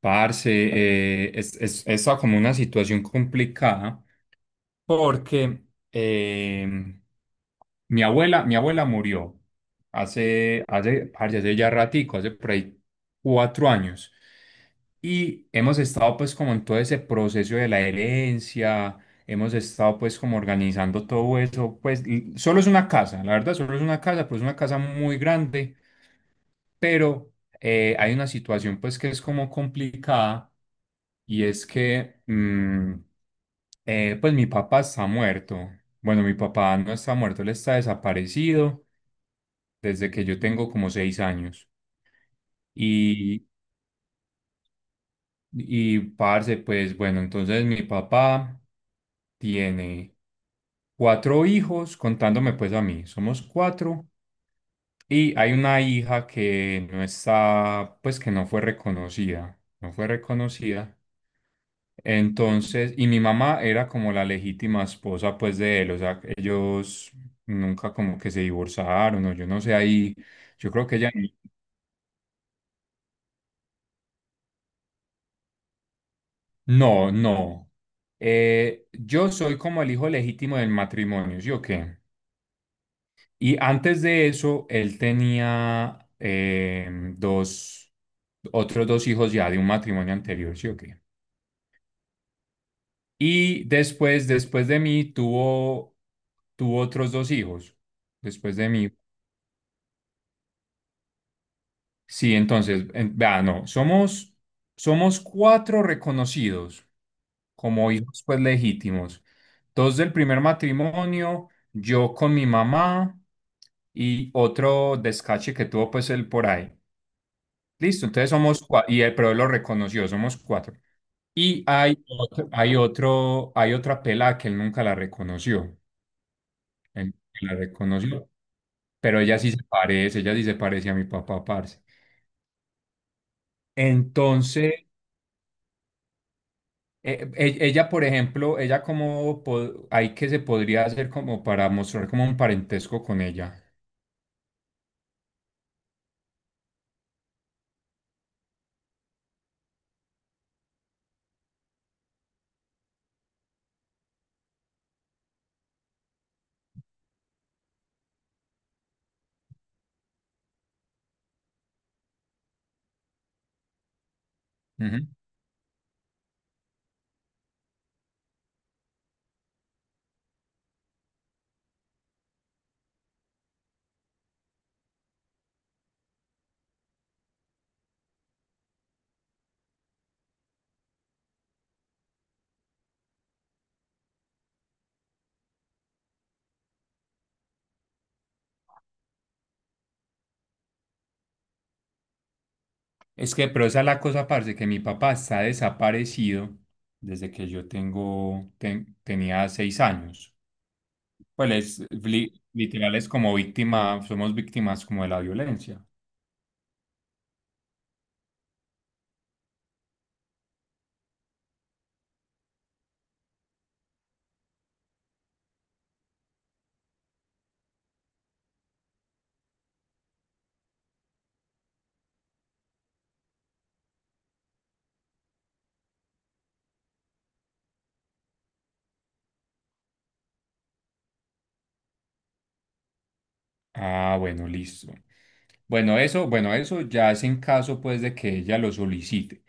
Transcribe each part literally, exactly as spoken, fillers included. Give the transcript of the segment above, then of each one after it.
Parce, eh, es, es, está como una situación complicada porque eh, mi abuela, mi abuela murió hace, hace, parce, hace ya ratico, hace por ahí cuatro años. Y hemos estado pues como en todo ese proceso de la herencia, hemos estado pues como organizando todo eso, pues y solo es una casa, la verdad, solo es una casa, pero es una casa muy grande, pero eh, hay una situación pues que es como complicada. Y es que, mm, eh, pues mi papá está muerto. Bueno, mi papá no está muerto, él está desaparecido desde que yo tengo como seis años. Y, y parce, pues bueno, entonces mi papá tiene cuatro hijos, contándome pues a mí, somos cuatro. Y hay una hija que no está, pues que no fue reconocida, no fue reconocida. Entonces, y mi mamá era como la legítima esposa pues de él, o sea, ellos nunca como que se divorciaron o yo no sé, ahí yo creo que ella. No, no. Eh, yo soy como el hijo legítimo del matrimonio, ¿sí o qué? Y antes de eso, él tenía em, dos, otros dos hijos ya de un matrimonio anterior, ¿sí o qué? Y después, después de mí, tuvo, tuvo otros dos hijos, después de mí. Sí, entonces, en- vea, no, somos, somos cuatro reconocidos como hijos pues legítimos. Dos del primer matrimonio, yo con mi mamá y otro descache que tuvo pues él por ahí. Listo, entonces somos cuatro, y él, pero él lo reconoció, somos cuatro. Y hay otro, hay otro, hay otra pela que él nunca la reconoció. Él la reconoció, pero ella sí se parece, ella sí se parece a mi papá, parce. Entonces, Eh, e- ella, por ejemplo, ella como hay que se podría hacer como para mostrar como un parentesco con ella. Ujú. Es que, pero esa es la cosa, parce, que mi papá está desaparecido desde que yo tengo, ten- tenía seis años. Pues es, li- literal es como víctima, somos víctimas como de la violencia. Ah, bueno, listo. Bueno, eso, bueno, eso ya es en caso pues de que ella lo solicite.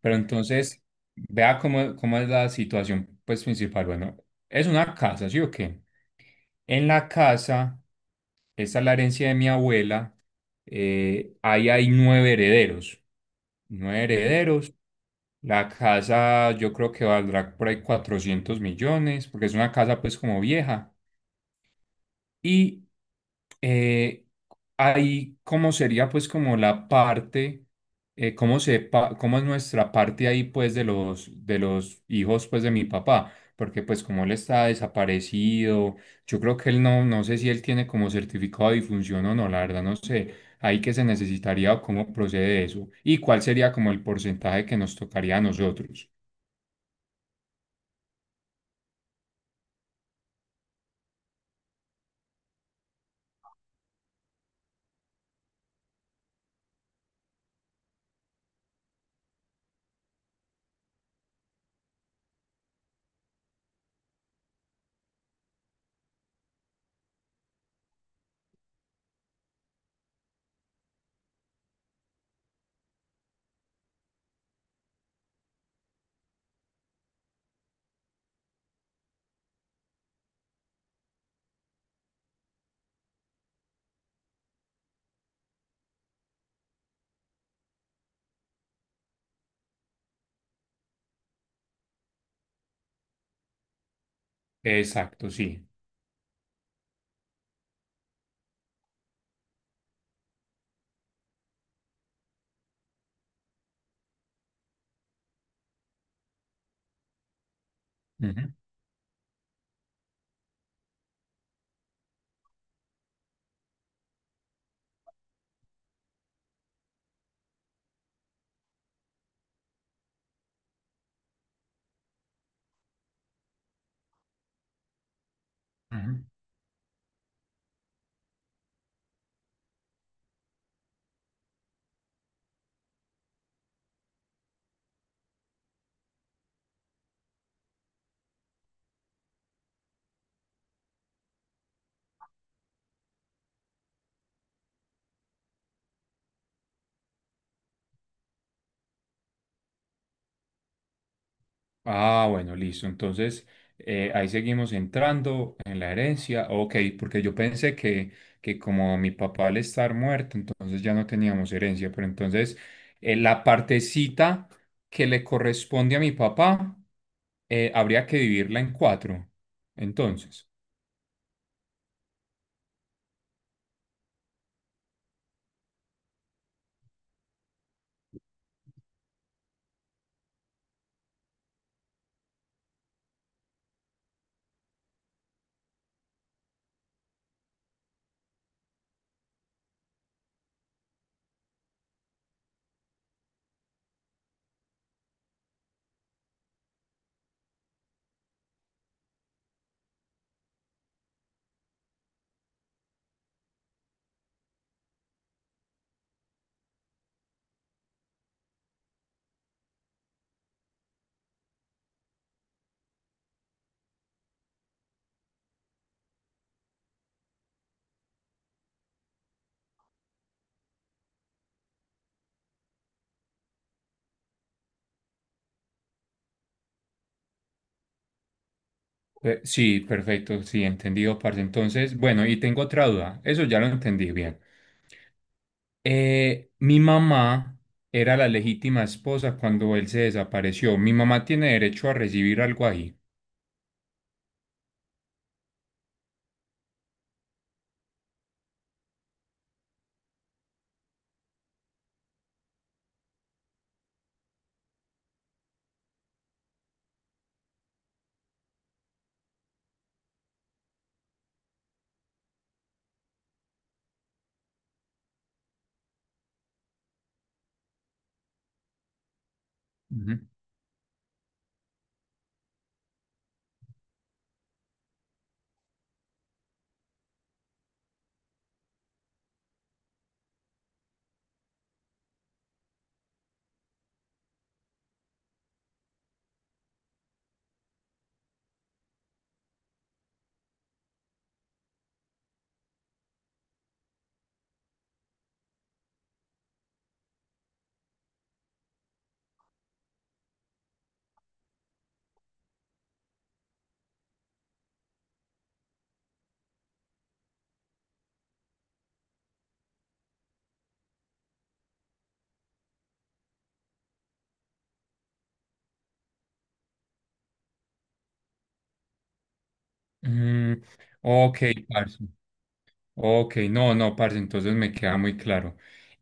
Pero entonces, vea cómo, cómo es la situación pues principal. Bueno, es una casa, ¿sí o qué? En la casa, esta es la herencia de mi abuela, eh, ahí hay nueve herederos. Nueve herederos. La casa yo creo que valdrá por ahí cuatrocientos millones, porque es una casa pues como vieja. Y eh, ahí cómo sería pues como la parte, eh, cómo se pa- cómo es nuestra parte ahí pues de los, de los hijos pues de mi papá, porque pues como él está desaparecido, yo creo que él no, no sé si él tiene como certificado de difunción o no, la verdad no sé, ahí que se necesitaría o cómo procede eso y cuál sería como el porcentaje que nos tocaría a nosotros. Exacto, sí. Ujú, ujú. Ah, bueno, listo. Entonces, eh, ahí seguimos entrando en la herencia. Ok, porque yo pensé que, que como mi papá al estar muerto, entonces ya no teníamos herencia. Pero entonces, eh, la partecita que le corresponde a mi papá, eh, habría que dividirla en cuatro. Entonces, eh, sí, perfecto, sí, entendido, parce. Entonces, bueno, y tengo otra duda. Eso ya lo entendí bien. Eh, mi mamá era la legítima esposa cuando él se desapareció. Mi mamá tiene derecho a recibir algo ahí. Ujú. Mm, ok, parce. Ok, no, no, parce, entonces me queda muy claro.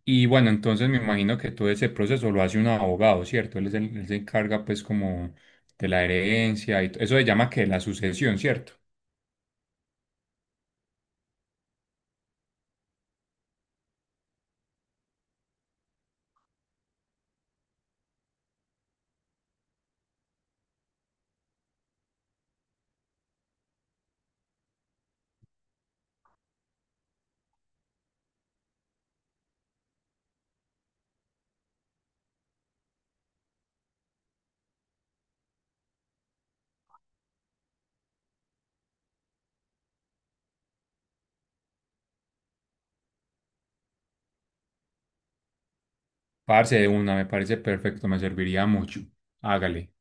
Y bueno, entonces me imagino que todo ese proceso lo hace un abogado, ¿cierto? Él, es el- él se encarga pues como de la herencia y t- eso se llama que la sucesión, ¿cierto? Parce de una, me parece perfecto, me serviría mucho. Hágale.